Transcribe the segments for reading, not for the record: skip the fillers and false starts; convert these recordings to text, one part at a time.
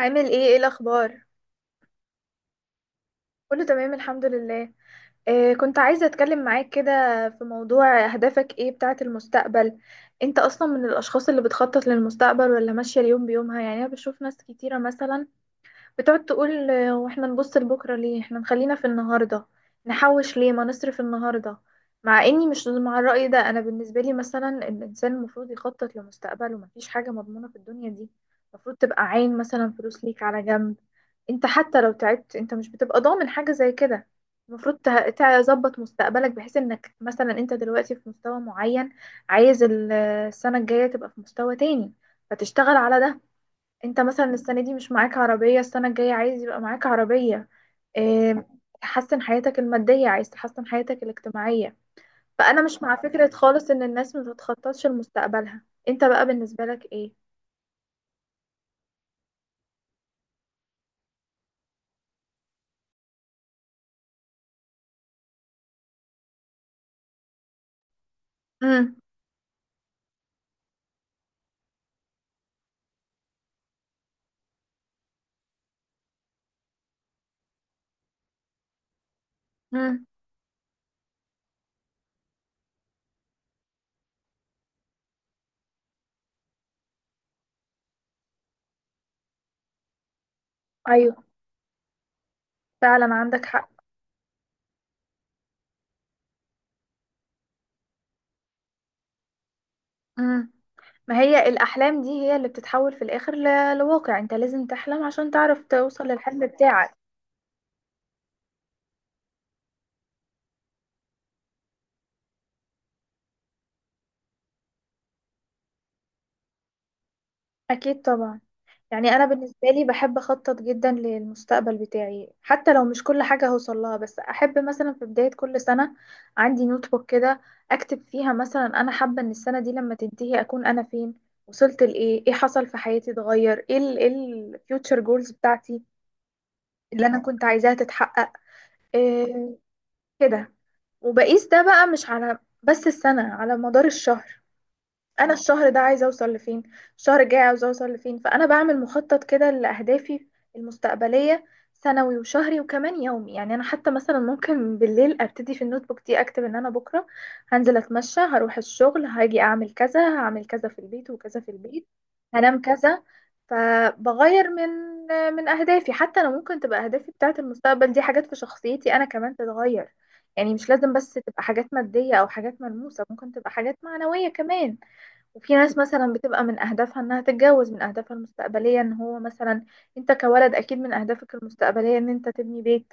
عامل ايه الاخبار؟ كله تمام الحمد لله. آه، كنت عايزه اتكلم معاك كده في موضوع اهدافك ايه بتاعه المستقبل. انت اصلا من الاشخاص اللي بتخطط للمستقبل ولا ماشيه اليوم بيومها؟ يعني انا بشوف ناس كتيره مثلا بتقعد تقول واحنا نبص لبكرة ليه؟ احنا نخلينا في النهاردة، نحوش ليه؟ ما نصرف النهاردة. مع اني مش مع الرأي ده. انا بالنسبة لي مثلا الانسان المفروض يخطط لمستقبله، مفيش حاجة مضمونة في الدنيا دي. المفروض تبقى عين مثلا فلوس ليك على جنب. انت حتى لو تعبت، انت مش بتبقى ضامن حاجة زي كده. المفروض تظبط مستقبلك بحيث انك مثلا انت دلوقتي في مستوى معين، عايز السنة الجاية تبقى في مستوى تاني، فتشتغل على ده. انت مثلا السنة دي مش معاك عربية، السنة الجاية عايز يبقى معاك عربية. اه، تحسن حياتك المادية، عايز تحسن حياتك الاجتماعية. فأنا مش مع فكرة خالص إن الناس ما تتخططش لمستقبلها. انت بقى بالنسبة لك ايه؟ امم. امم. ايوه، فعلا عندك حق. امم. ما هي الأحلام دي هي اللي بتتحول في الآخر لواقع. انت لازم تحلم عشان تعرف توصل للحلم بتاعك. أكيد طبعا. يعني أنا بالنسبة لي بحب أخطط جدا للمستقبل بتاعي، حتى لو مش كل حاجة هوصل لها، بس أحب مثلا في بداية كل سنة عندي نوت بوك كده أكتب فيها مثلا أنا حابة إن السنة دي لما تنتهي أكون أنا فين، وصلت لإيه، إيه حصل في حياتي، اتغير إيه، ال إيه الفيوتشر جولز بتاعتي اللي أنا كنت عايزاها تتحقق، إيه كده. وبقيس ده بقى مش على بس السنة، على مدار الشهر. انا الشهر ده عايزه اوصل لفين، الشهر الجاي عاوزه اوصل لفين. فانا بعمل مخطط كده لاهدافي المستقبليه، سنوي وشهري وكمان يومي. يعني انا حتى مثلا ممكن بالليل ابتدي في النوت بوك دي اكتب ان انا بكره هنزل اتمشى، هروح الشغل، هاجي اعمل كذا، هعمل كذا في البيت وكذا في البيت، هنام كذا. فبغير من اهدافي حتى. انا ممكن تبقى اهدافي بتاعه المستقبل دي حاجات في شخصيتي انا كمان تتغير، يعني مش لازم بس تبقى حاجات ماديه او حاجات ملموسه، ممكن تبقى حاجات معنويه كمان. وفي ناس مثلا بتبقى من أهدافها إنها تتجوز، من أهدافها المستقبلية إن هو مثلا، أنت كولد، أكيد من أهدافك المستقبلية إن أنت تبني بيت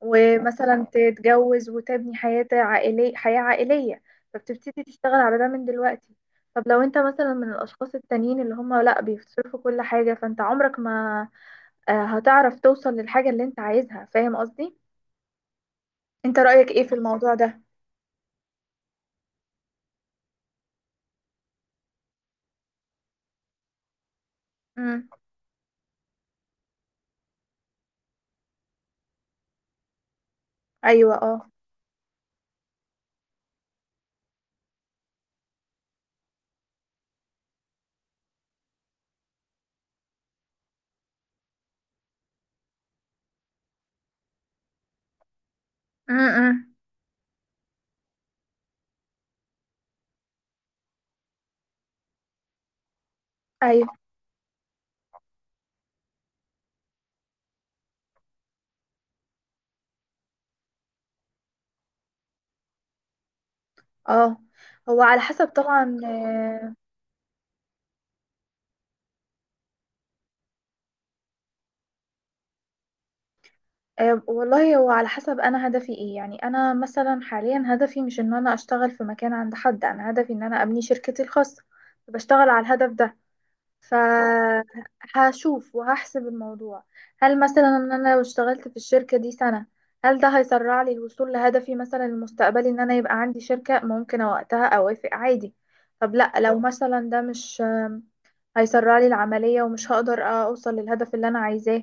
ومثلا تتجوز وتبني حياة عائلية، حياة عائلية. فبتبتدي تشتغل على ده من دلوقتي. طب لو أنت مثلا من الأشخاص التانيين اللي هم لأ، بيصرفوا كل حاجة، فأنت عمرك ما هتعرف توصل للحاجة اللي أنت عايزها. فاهم قصدي؟ أنت رأيك إيه في الموضوع ده؟ امم. أيوه، أه. امم. أيوه، أه. هو على حسب طبعا. أه، والله هو على حسب انا هدفي ايه. يعني انا مثلا حاليا هدفي مش ان انا اشتغل في مكان عند حد، انا هدفي ان انا ابني شركتي الخاصة، بشتغل على الهدف ده. فهشوف وهحسب الموضوع، هل مثلا ان انا لو اشتغلت في الشركة دي سنة، هل ده هيسرع لي الوصول لهدفي مثلا المستقبلي ان انا يبقى عندي شركة؟ ممكن وقتها اوافق عادي. طب لا، لو مثلا ده مش هيسرع لي العملية ومش هقدر اوصل للهدف اللي انا عايزاه،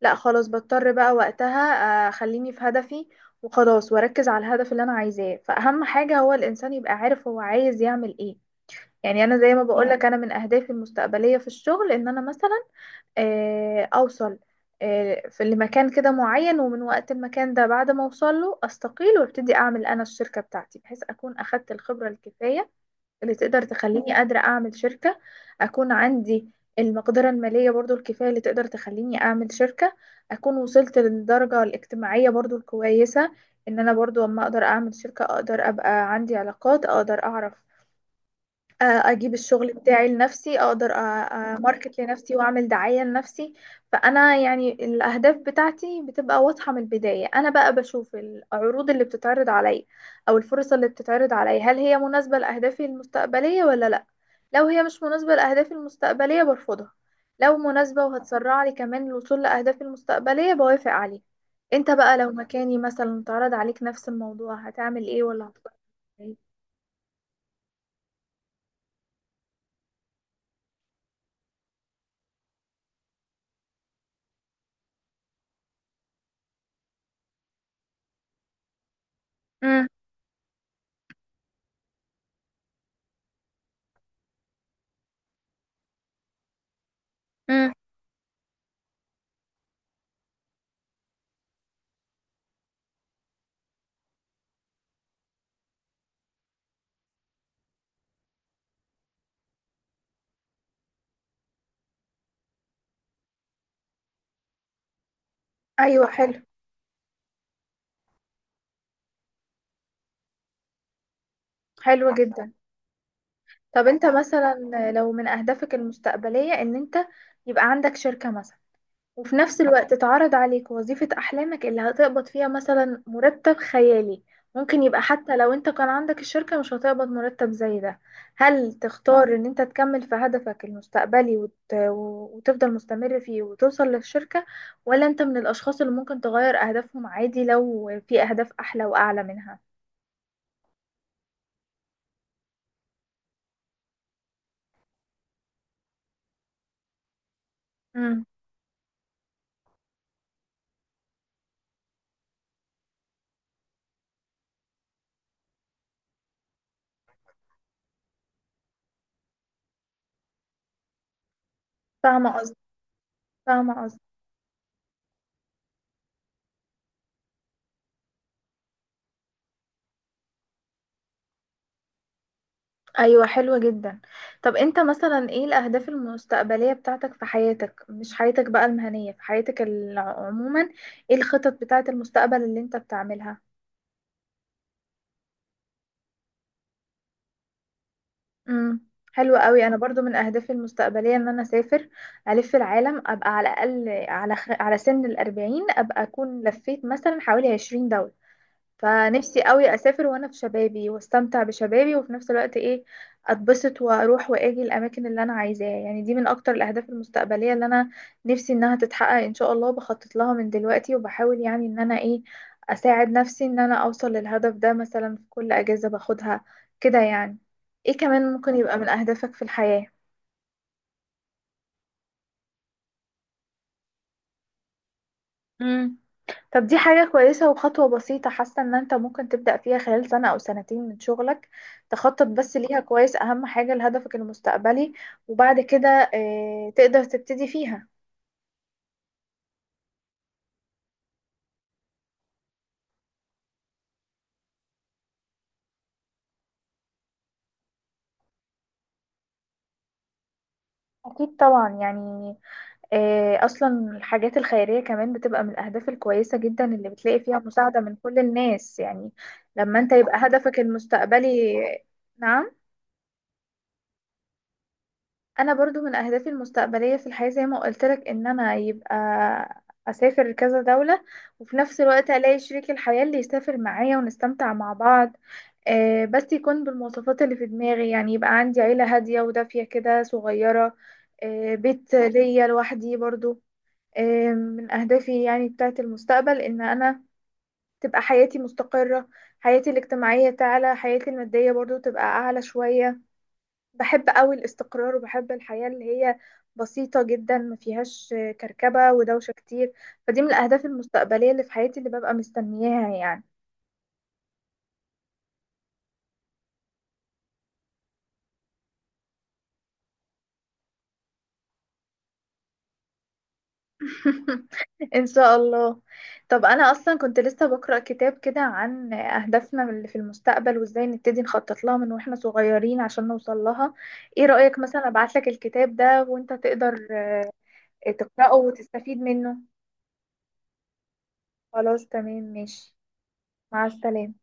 لا خلاص، بضطر بقى وقتها اخليني في هدفي وخلاص، واركز على الهدف اللي انا عايزاه. فاهم حاجة، هو الانسان يبقى عارف هو عايز يعمل ايه. يعني انا زي ما بقولك، انا من اهدافي المستقبلية في الشغل ان انا مثلا اوصل في لمكان كده معين، ومن وقت المكان ده بعد ما اوصل له استقيل وابتدي اعمل انا الشركة بتاعتي، بحيث اكون اخدت الخبرة الكفاية اللي تقدر تخليني قادرة أعمل شركة، أكون عندي المقدرة المالية برضو الكفاية اللي تقدر تخليني أعمل شركة، أكون وصلت للدرجة الاجتماعية برضو الكويسة إن أنا برضو أما أقدر أعمل شركة أقدر أبقى عندي علاقات، أقدر أعرف آه، اجيب الشغل بتاعي لنفسي، اقدر ماركت لنفسي واعمل دعاية لنفسي. فانا يعني الاهداف بتاعتي بتبقى واضحة من البداية. انا بقى بشوف العروض اللي بتتعرض عليا او الفرص اللي بتتعرض عليا، هل هي مناسبة لاهدافي المستقبلية ولا لا. لو هي مش مناسبة لاهدافي المستقبلية برفضها، لو مناسبة وهتسرع لي كمان الوصول لاهدافي المستقبلية بوافق عليها. انت بقى لو مكاني مثلا اتعرض عليك نفس الموضوع، هتعمل ايه؟ ولا هتفكر؟ إيه؟ امم. امم. ايوه، حلو. حلو جدا. طب انت مثلا لو من اهدافك المستقبلية ان انت يبقى عندك شركة مثلا، وفي نفس الوقت اتعرض عليك وظيفة احلامك اللي هتقبض فيها مثلا مرتب خيالي، ممكن يبقى حتى لو انت كان عندك الشركة مش هتقبض مرتب زي ده، هل تختار ان انت تكمل في هدفك المستقبلي وتفضل مستمر فيه وتوصل للشركة، ولا انت من الاشخاص اللي ممكن تغير اهدافهم عادي لو في اهداف احلى واعلى منها؟ امم. فاهمة قصدي؟ فاهمة قصدي. ايوه، حلوة جدا. طب انت مثلا ايه الاهداف المستقبلية بتاعتك في حياتك، مش حياتك بقى المهنية، في حياتك عموما؟ ايه الخطط بتاعت المستقبل اللي انت بتعملها؟ امم. حلوة قوي. انا برضو من اهدافي المستقبلية ان انا اسافر الف العالم، ابقى على الاقل على على سن 40 ابقى اكون لفيت مثلا حوالي 20 دولة. فنفسي قوي اسافر وانا في شبابي واستمتع بشبابي، وفي نفس الوقت ايه، اتبسط واروح واجي الاماكن اللي انا عايزاها. يعني دي من اكتر الاهداف المستقبليه اللي انا نفسي انها تتحقق ان شاء الله. بخطط لها من دلوقتي، وبحاول يعني ان انا ايه، اساعد نفسي ان انا اوصل للهدف ده مثلا في كل اجازه باخدها كده يعني. ايه كمان ممكن يبقى من اهدافك في الحياه؟ مم. طب دي حاجة كويسة، وخطوة بسيطة حاسة ان انت ممكن تبدأ فيها خلال سنة او سنتين من شغلك. تخطط بس ليها كويس، اهم حاجة لهدفك المستقبلي، وبعد كده تقدر تبتدي فيها. اكيد طبعا. يعني اصلا الحاجات الخيرية كمان بتبقى من الاهداف الكويسة جدا اللي بتلاقي فيها مساعدة من كل الناس يعني. لما انت يبقى هدفك المستقبلي، نعم؟ انا برضو من اهدافي المستقبليه في الحياه زي ما قلت لك، ان انا يبقى اسافر كذا دوله، وفي نفس الوقت الاقي شريك الحياه اللي يسافر معايا ونستمتع مع بعض. بس يكون بالمواصفات اللي في دماغي، يعني يبقى عندي عيله هاديه ودافيه كده صغيره، بيت ليا لوحدي برضو. من اهدافي يعني بتاعت المستقبل ان انا تبقى حياتي مستقره، حياتي الاجتماعيه تعلى، حياتي الماديه برضو تبقى اعلى شويه. بحب قوي الاستقرار، وبحب الحياة اللي هي بسيطة جدا، ما فيهاش كركبة ودوشة كتير. فدي من الأهداف المستقبلية اللي في حياتي اللي ببقى مستنياها يعني. إن شاء الله. طب أنا أصلا كنت لسه بقرأ كتاب كده عن أهدافنا اللي في المستقبل وإزاي نبتدي نخطط لها من وإحنا صغيرين عشان نوصل لها. إيه رأيك مثلا أبعتلك الكتاب ده وإنت تقدر تقرأه وتستفيد منه؟ خلاص، تمام، ماشي. مع السلامة.